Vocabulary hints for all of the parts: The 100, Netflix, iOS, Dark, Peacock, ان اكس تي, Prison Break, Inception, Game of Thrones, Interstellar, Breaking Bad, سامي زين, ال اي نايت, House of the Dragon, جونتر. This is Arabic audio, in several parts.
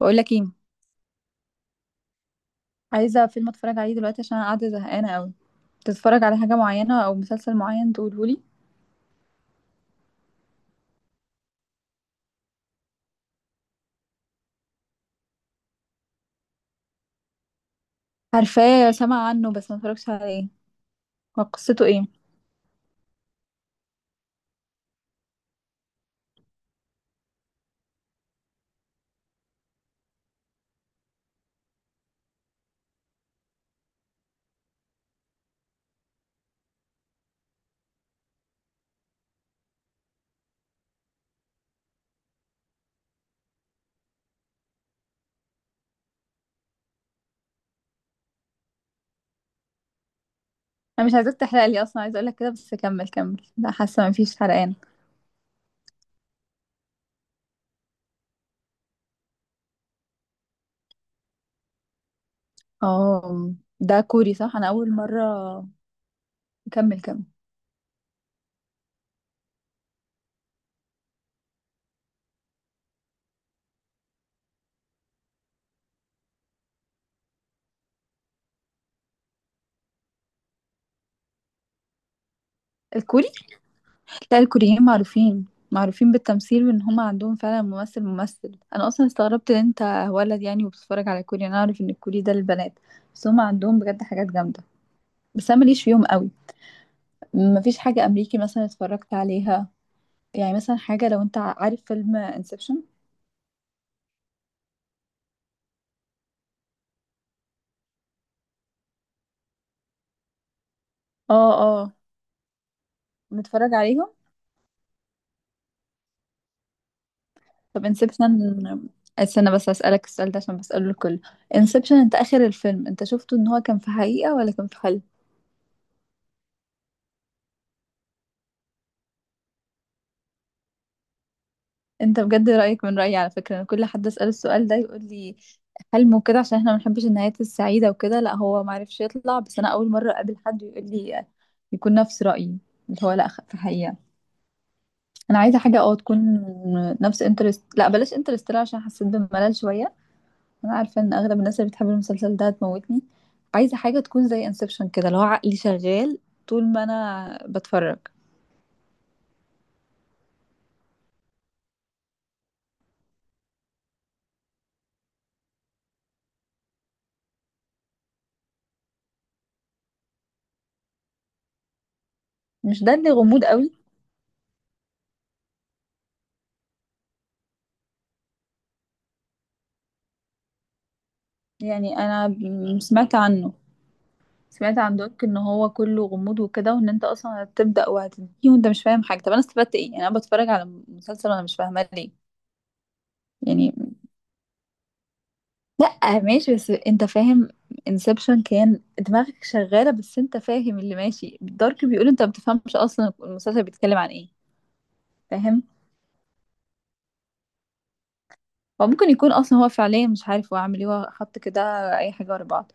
بقول لك ايه؟ عايزه فيلم اتفرج عليه دلوقتي عشان انا قاعده زهقانه قوي. تتفرج على حاجه معينه او مسلسل معين تقوله لي. عارفاه، سامعه عنه بس ما اتفرجتش عليه. هو قصته ايه؟ انا مش عايزاك تحرق لي، اصلا عايزه اقول لك كده، بس كمل كمل، لا حاسه ما فيش حرقان. اه، ده كوري صح؟ انا اول مره. كمل كمل. الكوري. لا، الكوريين معروفين بالتمثيل وان هم عندهم فعلا ممثل. انا اصلا استغربت ان انت ولد يعني وبتتفرج على كوري. انا اعرف ان الكوري ده للبنات، بس هم عندهم بجد حاجات جامده. بس انا ماليش فيهم قوي. مفيش حاجة أمريكي مثلا اتفرجت عليها. يعني مثلا حاجة، لو أنت عارف فيلم انسبشن. اه، اه. متفرج عليهم. طب انسبشن. استنى بس أسألك السؤال ده عشان بسأله الكل. انسبشن أنت آخر الفيلم أنت شفته إن هو كان في حقيقة ولا كان في حلم؟ أنت بجد رأيك من رأيي، على فكرة أنا كل حد أسأله السؤال ده يقول لي حلم وكده عشان احنا ما بنحبش النهايات السعيدة، وكده لا هو معرفش يطلع، بس أنا أول مرة أقابل حد يقول لي يكون نفس رأيي، اللي هو لا، في حقيقة. انا عايزه حاجه تكون نفس انترست، لا بلاش انترستيلر عشان حسيت بملل شويه. انا عارفه ان اغلب الناس اللي بتحب المسلسل ده هتموتني. عايزه حاجه تكون زي انسبشن كده، اللي هو عقلي شغال طول ما انا بتفرج. مش ده اللي غموض قوي؟ يعني انا سمعت عنه. سمعت عن دوك ان هو كله غموض وكده، وان انت اصلا هتبدا وهتنتهي وانت مش فاهم حاجه. طب انا استفدت ايه يعني؟ انا بتفرج على مسلسل وانا مش فاهمه ليه؟ يعني لا ماشي، بس انت فاهم، انسبشن كان دماغك شغالة بس انت فاهم اللي ماشي، دارك بيقول انت ما بتفهمش اصلا المسلسل بيتكلم عن ايه. فاهم. هو ممكن يكون اصلا هو فعليا مش عارف هو عامل ايه، هو حط كده اي حاجة ورا بعض.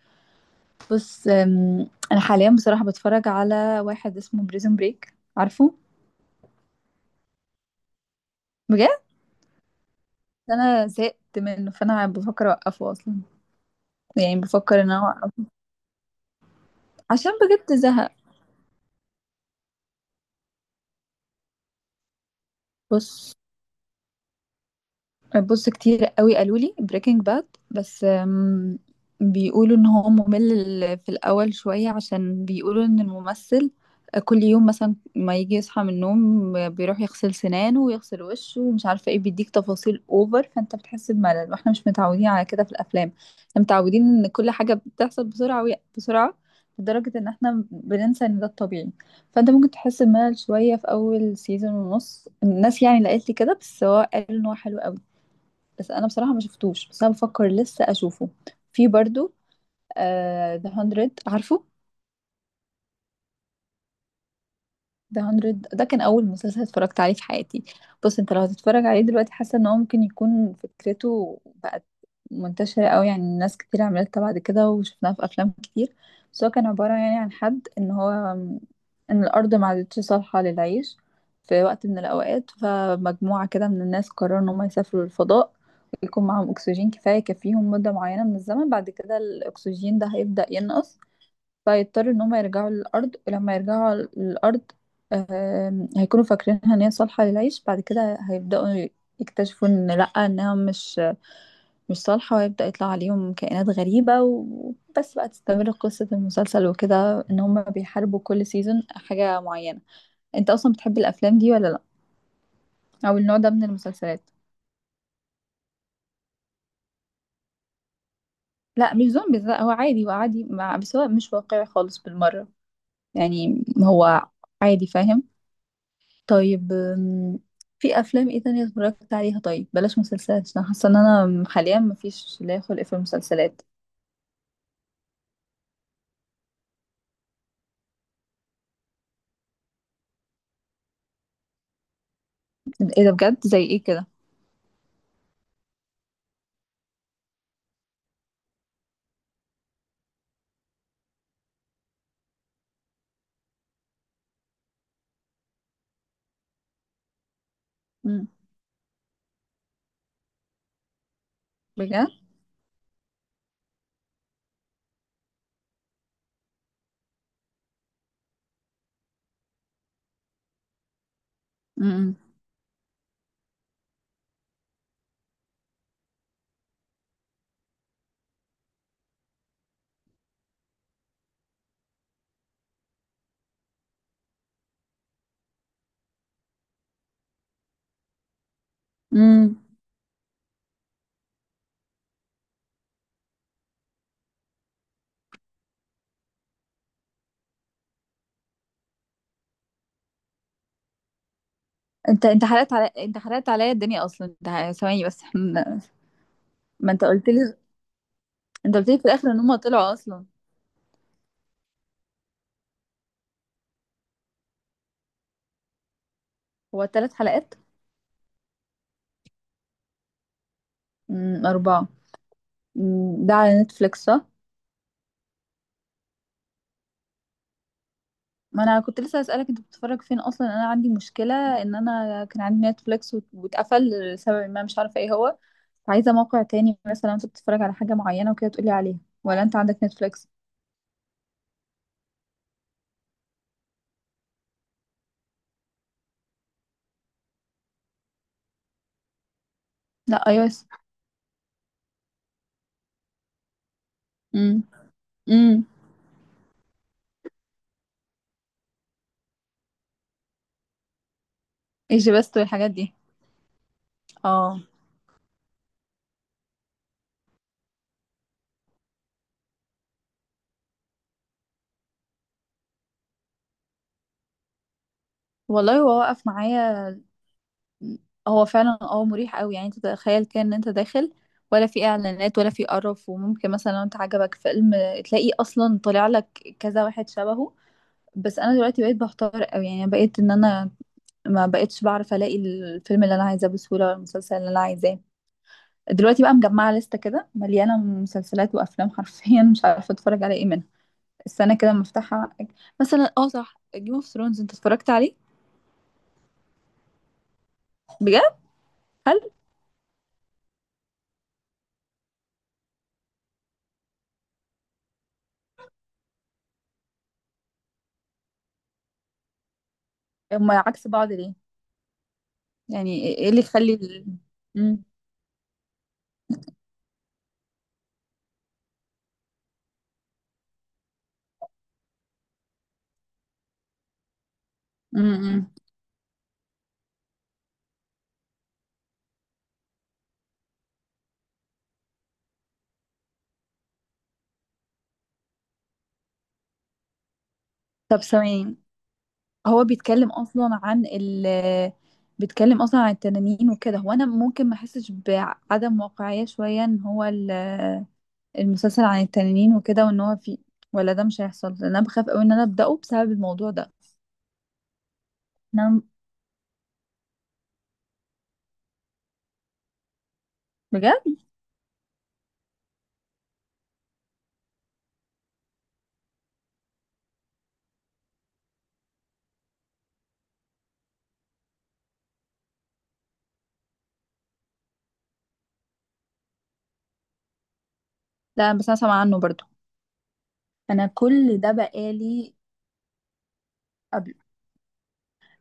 بس انا حاليا بصراحة بتفرج على واحد اسمه بريزون بريك، عارفه؟ بجد؟ انا زهقت منه، فانا بفكر اوقفه اصلا. يعني بفكر ان انا اوقفه عشان بجد زهق. بص. بص كتير قوي قالوا لي بريكنج باد، بس بيقولوا ان هو ممل في الاول شوية، عشان بيقولوا ان الممثل كل يوم مثلا ما يجي يصحى من النوم بيروح يغسل سنانه ويغسل وشه ومش عارفة ايه، بيديك تفاصيل اوفر فانت بتحس بملل، واحنا مش متعودين على كده في الافلام. احنا متعودين ان كل حاجة بتحصل بسرعة بسرعة، لدرجة ان احنا بننسى ان ده الطبيعي. فانت ممكن تحس بملل شوية في اول سيزون ونص، الناس يعني اللي قالت لي كده، بس هو قال ان هو حلو. بس انا بصراحه ما شفتوش، بس انا بفكر لسه اشوفه. في برضو ذا 100، عارفه؟ ده 100 ده كان اول مسلسل اتفرجت عليه في حياتي. بص انت لو هتتفرج عليه دلوقتي، حاسه ان هو ممكن يكون فكرته بقت منتشره قوي، يعني ناس كتير عملتها بعد كده وشفناها في افلام كتير. بس هو كان عباره يعني عن حد ان هو ان الارض ما عادتش صالحه للعيش في وقت من الاوقات، فمجموعه كده من الناس قرروا ان هم يسافروا للفضاء، ويكون معاهم اكسجين كفايه يكفيهم مده معينه من الزمن، بعد كده الاكسجين ده هيبدا ينقص، فيضطر ان هم يرجعوا للارض. ولما يرجعوا على الارض، هيكونوا فاكرينها ان هي صالحه للعيش، بعد كده هيبداوا يكتشفوا ان لا، انها مش صالحه، وهيبدا يطلع عليهم كائنات غريبه. وبس بقى تستمر قصه المسلسل وكده ان هم بيحاربوا كل سيزون حاجه معينه. انت اصلا بتحب الافلام دي ولا لا؟ او النوع ده من المسلسلات؟ لا مش زومبيز، لا هو عادي، هو عادي بس هو مش واقعي خالص بالمره، يعني هو عادي، فاهم. طيب في افلام ايه تانية اتفرجت عليها؟ طيب بلاش مسلسلات عشان حاسه ان انا حاليا مفيش لا خلق في المسلسلات. ايه ده بجد؟ زي ايه كده؟ امم. بجد. امم. امم. انت حرقت عليا الدنيا اصلا، ثواني بس، احنا. ما انت قلت لي، انت قلت لي في الاخر ان هم طلعوا اصلا. هو ثلاث حلقات؟ اربعه. ده على نتفليكس صح؟ ما انا كنت لسه اسالك انت بتتفرج فين اصلا، انا عندي مشكله ان انا كان عندي نتفليكس واتقفل لسبب ما مش عارفه ايه هو. عايزه موقع تاني، مثلا انت بتتفرج على حاجه معينه وكده تقولي عليها، ولا انت عندك نتفليكس؟ لا، اي او اس. امم. امم. ايجي بيست والحاجات دي. اه والله، هو وقف معايا. هو فعلا مريح قوي، يعني انت تخيل كده ان انت داخل ولا في اعلانات ولا في قرف، وممكن مثلا لو انت عجبك فيلم تلاقيه اصلا طالع لك كذا واحد شبهه. بس انا دلوقتي بقيت بحتار قوي، يعني بقيت ان انا ما بقيتش بعرف الاقي الفيلم اللي انا عايزاه بسهوله ولا المسلسل اللي انا عايزاه. دلوقتي بقى مجمعه لسته كده مليانه مسلسلات وافلام، حرفيا مش عارفه اتفرج على ايه منها. السنه كده مفتاحها. مثلا اه صح، جيم اوف ثرونز انت اتفرجت عليه؟ بجد؟ هل هما عكس بعض ليه؟ يعني ايه اللي يخلي مم. مم. مم. طب ثواني، هو بيتكلم اصلا عن بيتكلم اصلا عن التنانين وكده، هو انا ممكن ما احسش بعدم واقعية شوية ان هو المسلسل عن التنانين وكده، وان هو في، ولا ده مش هيحصل؟ لان انا بخاف قوي ان انا ابداه بسبب الموضوع ده. انا. بجد. لا بس انا سامعه عنه برضو. انا كل ده بقالي. قبل.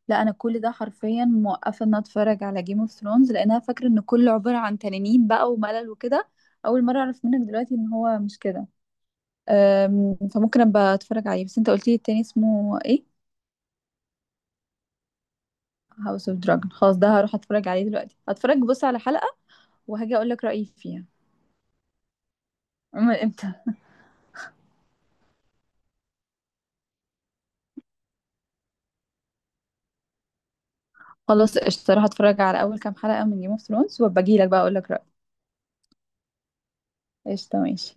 لا انا كل ده حرفيا موقفه ان أنا اتفرج على جيم اوف ثرونز لان انا فاكره ان كله عباره عن تنانين بقى وملل وكده. اول مره اعرف منك دلوقتي ان هو مش كده. فممكن ابقى اتفرج عليه، بس انت قلت لي التاني اسمه ايه؟ هاوس اوف دراجون. خلاص ده هروح اتفرج عليه دلوقتي، هتفرج بص على حلقة وهاجي اقول لك رأيي فيها. من امتى؟ خلاص قشطة، هروح اتفرج على اول كام حلقة من جيم اوف ثرونز وابقى اجي لك بقى اقول لك رأيي. قشطة ماشي.